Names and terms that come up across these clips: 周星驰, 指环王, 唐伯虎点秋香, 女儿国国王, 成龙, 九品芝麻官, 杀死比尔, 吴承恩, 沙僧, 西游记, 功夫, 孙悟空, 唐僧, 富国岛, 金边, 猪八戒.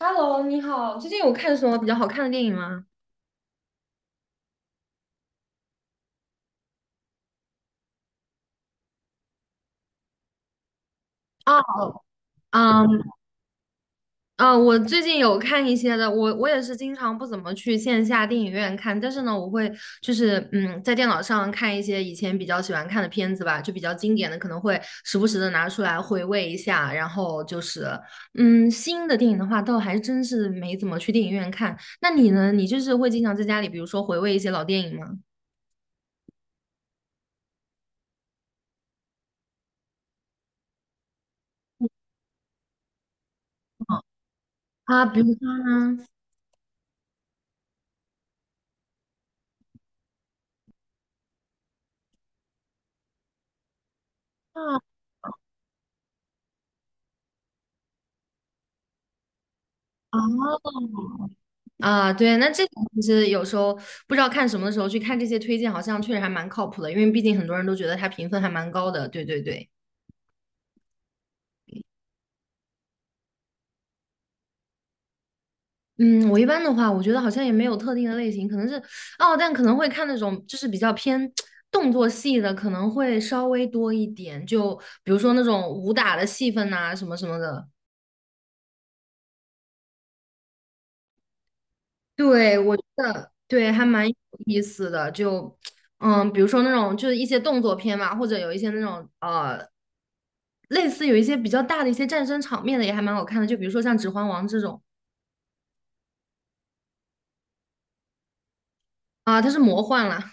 Hello，你好，最近有看什么比较好看的电影吗？啊，嗯嗯，我最近有看一些的，我也是经常不怎么去线下电影院看，但是呢，我会就是在电脑上看一些以前比较喜欢看的片子吧，就比较经典的，可能会时不时的拿出来回味一下。然后就是新的电影的话，倒还真是没怎么去电影院看。那你呢？你就是会经常在家里，比如说回味一些老电影吗？啊，比如说呢？啊啊！啊，对，那这个其实有时候不知道看什么的时候去看这些推荐，好像确实还蛮靠谱的，因为毕竟很多人都觉得它评分还蛮高的。对对对，嗯，我一般的话，我觉得好像也没有特定的类型，可能是哦，但可能会看那种就是比较偏动作戏的，可能会稍微多一点，就比如说那种武打的戏份呐、什么什么的。对，我觉得对还蛮有意思的，就比如说那种就是一些动作片嘛，或者有一些那种类似有一些比较大的一些战争场面的也还蛮好看的，就比如说像《指环王》这种啊，它是魔幻啦，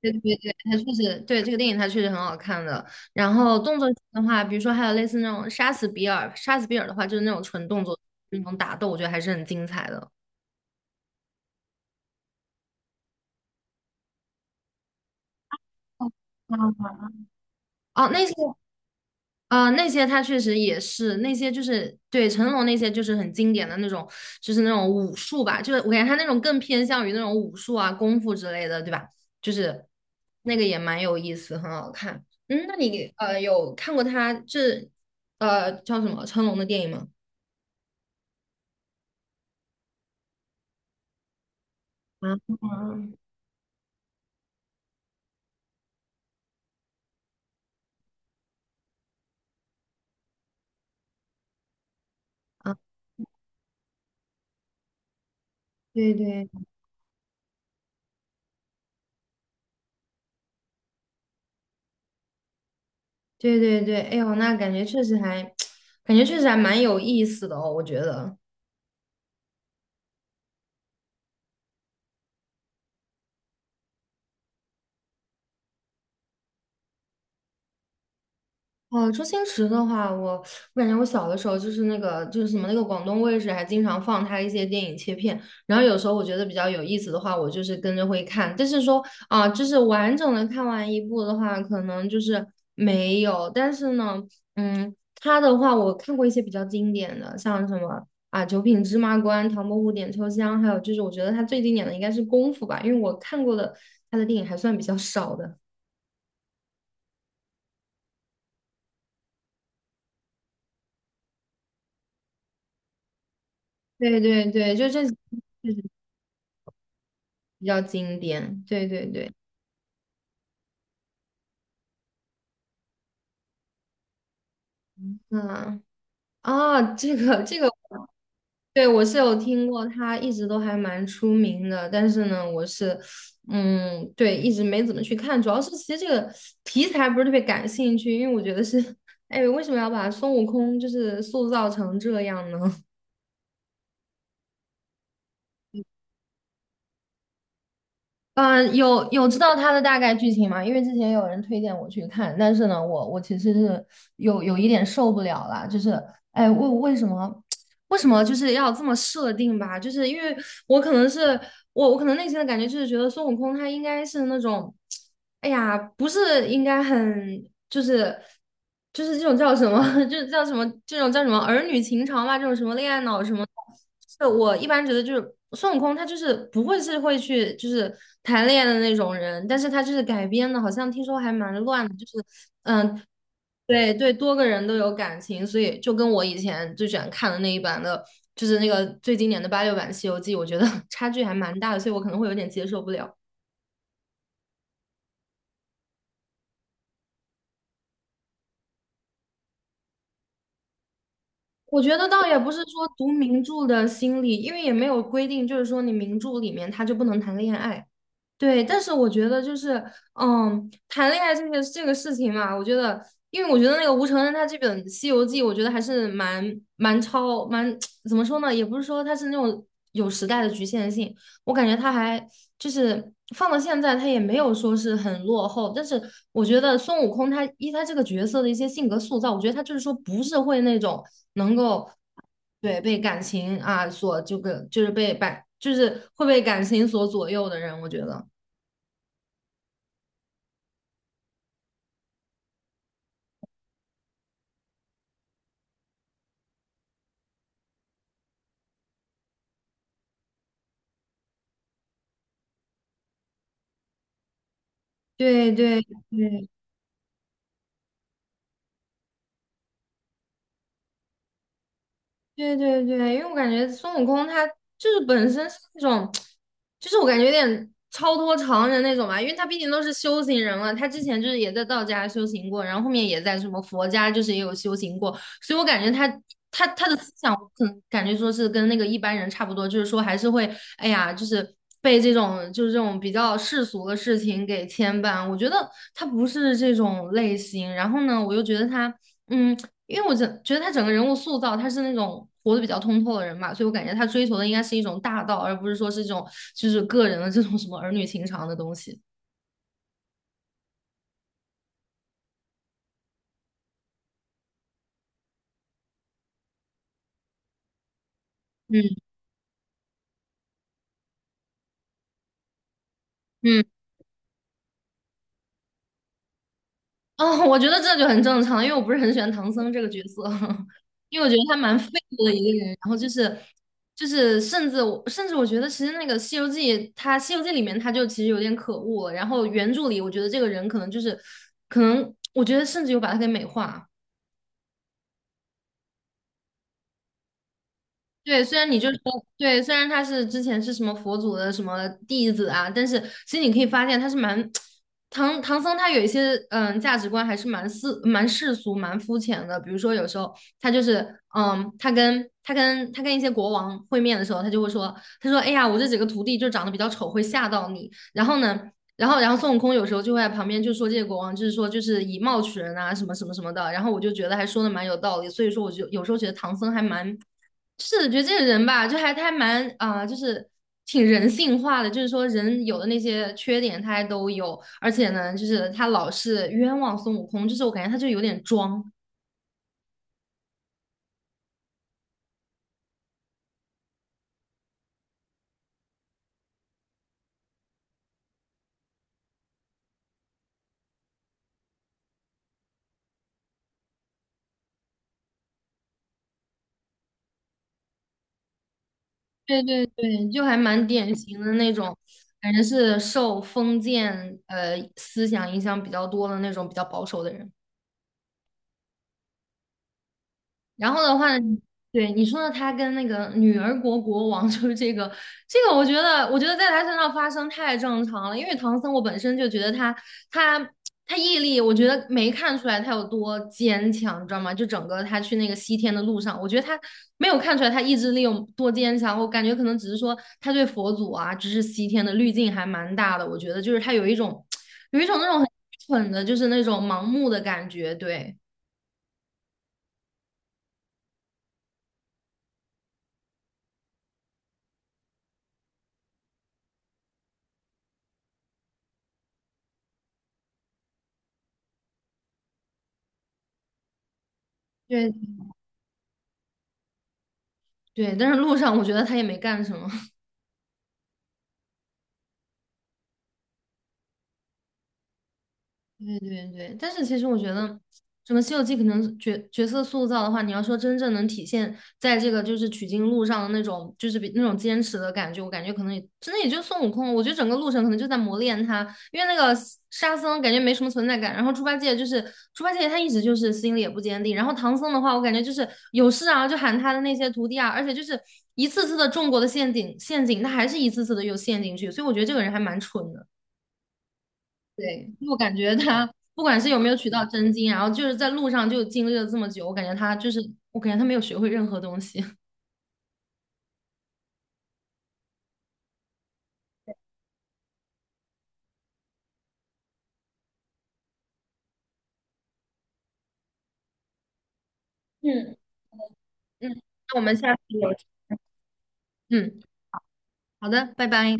对对对，它确实对这个电影它确实很好看的。然后动作片的话，比如说还有类似那种《杀死比尔》，《杀死比尔》的话就是那种纯动作那种打斗，我觉得还是很精彩的。啊哦、啊那些。啊，那些他确实也是那些，就是对成龙那些就是很经典的那种，就是那种武术吧，就是我感觉他那种更偏向于那种武术啊、功夫之类的，对吧？就是那个也蛮有意思，很好看。嗯，那你有看过他这叫什么成龙的电影吗？啊啊，对对对对对，哎呦，那感觉确实还 感觉确实还蛮有意思的哦，我觉得。哦，周星驰的话，我感觉我小的时候就是那个就是什么那个广东卫视还经常放他一些电影切片，然后有时候我觉得比较有意思的话，我就是跟着会看，但是说啊、就是完整的看完一部的话，可能就是没有，但是呢，他的话我看过一些比较经典的，像什么啊《九品芝麻官》《唐伯虎点秋香》，还有就是我觉得他最经典的应该是《功夫》吧，因为我看过的他的电影还算比较少的。对对对，就这。比较经典。对对对，嗯啊，这个，对我是有听过，他一直都还蛮出名的，但是呢，我是对，一直没怎么去看，主要是其实这个题材不是特别感兴趣，因为我觉得是，哎，为什么要把孙悟空就是塑造成这样呢？嗯，有知道他的大概剧情吗？因为之前有人推荐我去看，但是呢，我其实是有一点受不了了，就是哎，为什么？为什么就是要这么设定吧？就是因为我可能是我可能内心的感觉就是觉得孙悟空他应该是那种，哎呀，不是应该很就是这种叫什么，就是叫什么这种叫什么儿女情长嘛，这种什么恋爱脑什么的。是我一般觉得就是孙悟空他就是不会是会去就是谈恋爱的那种人，但是他就是改编的，好像听说还蛮乱的，就是嗯。对对，多个人都有感情，所以就跟我以前最喜欢看的那一版的，就是那个最经典的86版《西游记》，我觉得 差距还蛮大的，所以我可能会有点接受不了。我觉得倒也不是说读名著的心理，因为也没有规定，就是说你名著里面他就不能谈恋爱。对，但是我觉得就是，谈恋爱这个事情嘛，我觉得，因为我觉得那个吴承恩他这本《西游记》，我觉得还是蛮 怎么说呢，也不是说他是那种有时代的局限性，我感觉他还就是放到现在，他也没有说是很落后。但是我觉得孙悟空他依他这个角色的一些性格塑造，我觉得他就是说不是会那种能够对被感情啊所这个就是被感就是会被感情所左右的人，我觉得。对对对对对对，因为我感觉孙悟空他就是本身是那种，就是我感觉有点超脱常人那种吧，因为他毕竟都是修行人了，他之前就是也在道家修行过，然后后面也在什么佛家就是也有修行过，所以我感觉他他的思想，我可能感觉说是跟那个一般人差不多，就是说还是会，哎呀，就是被这种就是这种比较世俗的事情给牵绊，我觉得他不是这种类型，然后呢，我又觉得他。嗯，因为我整觉得他整个人物塑造，他是那种活得比较通透的人嘛，所以我感觉他追求的应该是一种大道，而不是说是这种就是个人的这种什么儿女情长的东西。嗯嗯，哦，我觉得这就很正常，因为我不是很喜欢唐僧这个角色，因为我觉得他蛮废物的一个人，然后就是甚至我觉得其实那个《西游记》《西游记》里面他就其实有点可恶了，然后原著里我觉得这个人可能我觉得甚至有把他给美化。对，虽然你就说对，虽然他是之前是什么佛祖的什么弟子啊，但是其实你可以发现他是蛮 唐僧，他有一些价值观还是蛮世俗蛮肤浅的。比如说有时候他就是他跟一些国王会面的时候，他就会说，他说哎呀，我这几个徒弟就长得比较丑，会吓到你。然后呢，然后孙悟空有时候就会在旁边就说这些国王就是说就是以貌取人啊，什么什么什么的。然后我就觉得还说的蛮有道理，所以说我就有时候觉得唐僧还蛮。是的，觉得这个人吧，就还他还蛮啊、就是挺人性化的，就是说人有的那些缺点他还都有，而且呢，就是他老是冤枉孙悟空，就是我感觉他就有点装，对对对，就还蛮典型的那种，感觉是受封建思想影响比较多的那种比较保守的人。然后的话呢，对你说的，他跟那个女儿国国王 就是这个，这个我觉得，我觉得在他身上发生太正常了。因为唐僧，我本身就觉得他他毅力，我觉得没看出来他有多坚强，你知道吗？就整个他去那个西天的路上，我觉得他没有看出来他意志力有多坚强。我感觉可能只是说他对佛祖啊，就是西天的滤镜还蛮大的。我觉得就是他有一种那种很蠢的，就是那种盲目的感觉，对，对。对，但是路上我觉得他也没干什么。对对对，但是其实我觉得整个《西游记》可能角色塑造的话，你要说真正能体现在这个就是取经路上的那种，就是比那种坚持的感觉，我感觉可能也真的也就孙悟空。我觉得整个路程可能就在磨练他，因为那个沙僧感觉没什么存在感，然后猪八戒就是猪八戒他一直就是心里也不坚定，然后唐僧的话，我感觉就是有事啊就喊他的那些徒弟啊，而且就是一次次的中过的陷阱，他还是一次次的又陷进去，所以我觉得这个人还蛮蠢的。对，我感觉他不管是有没有取到真经，然后就是在路上就经历了这么久，我感觉他就是，我感觉他没有学会任何东西。嗯嗯，那我们下次有，嗯，好的，拜拜。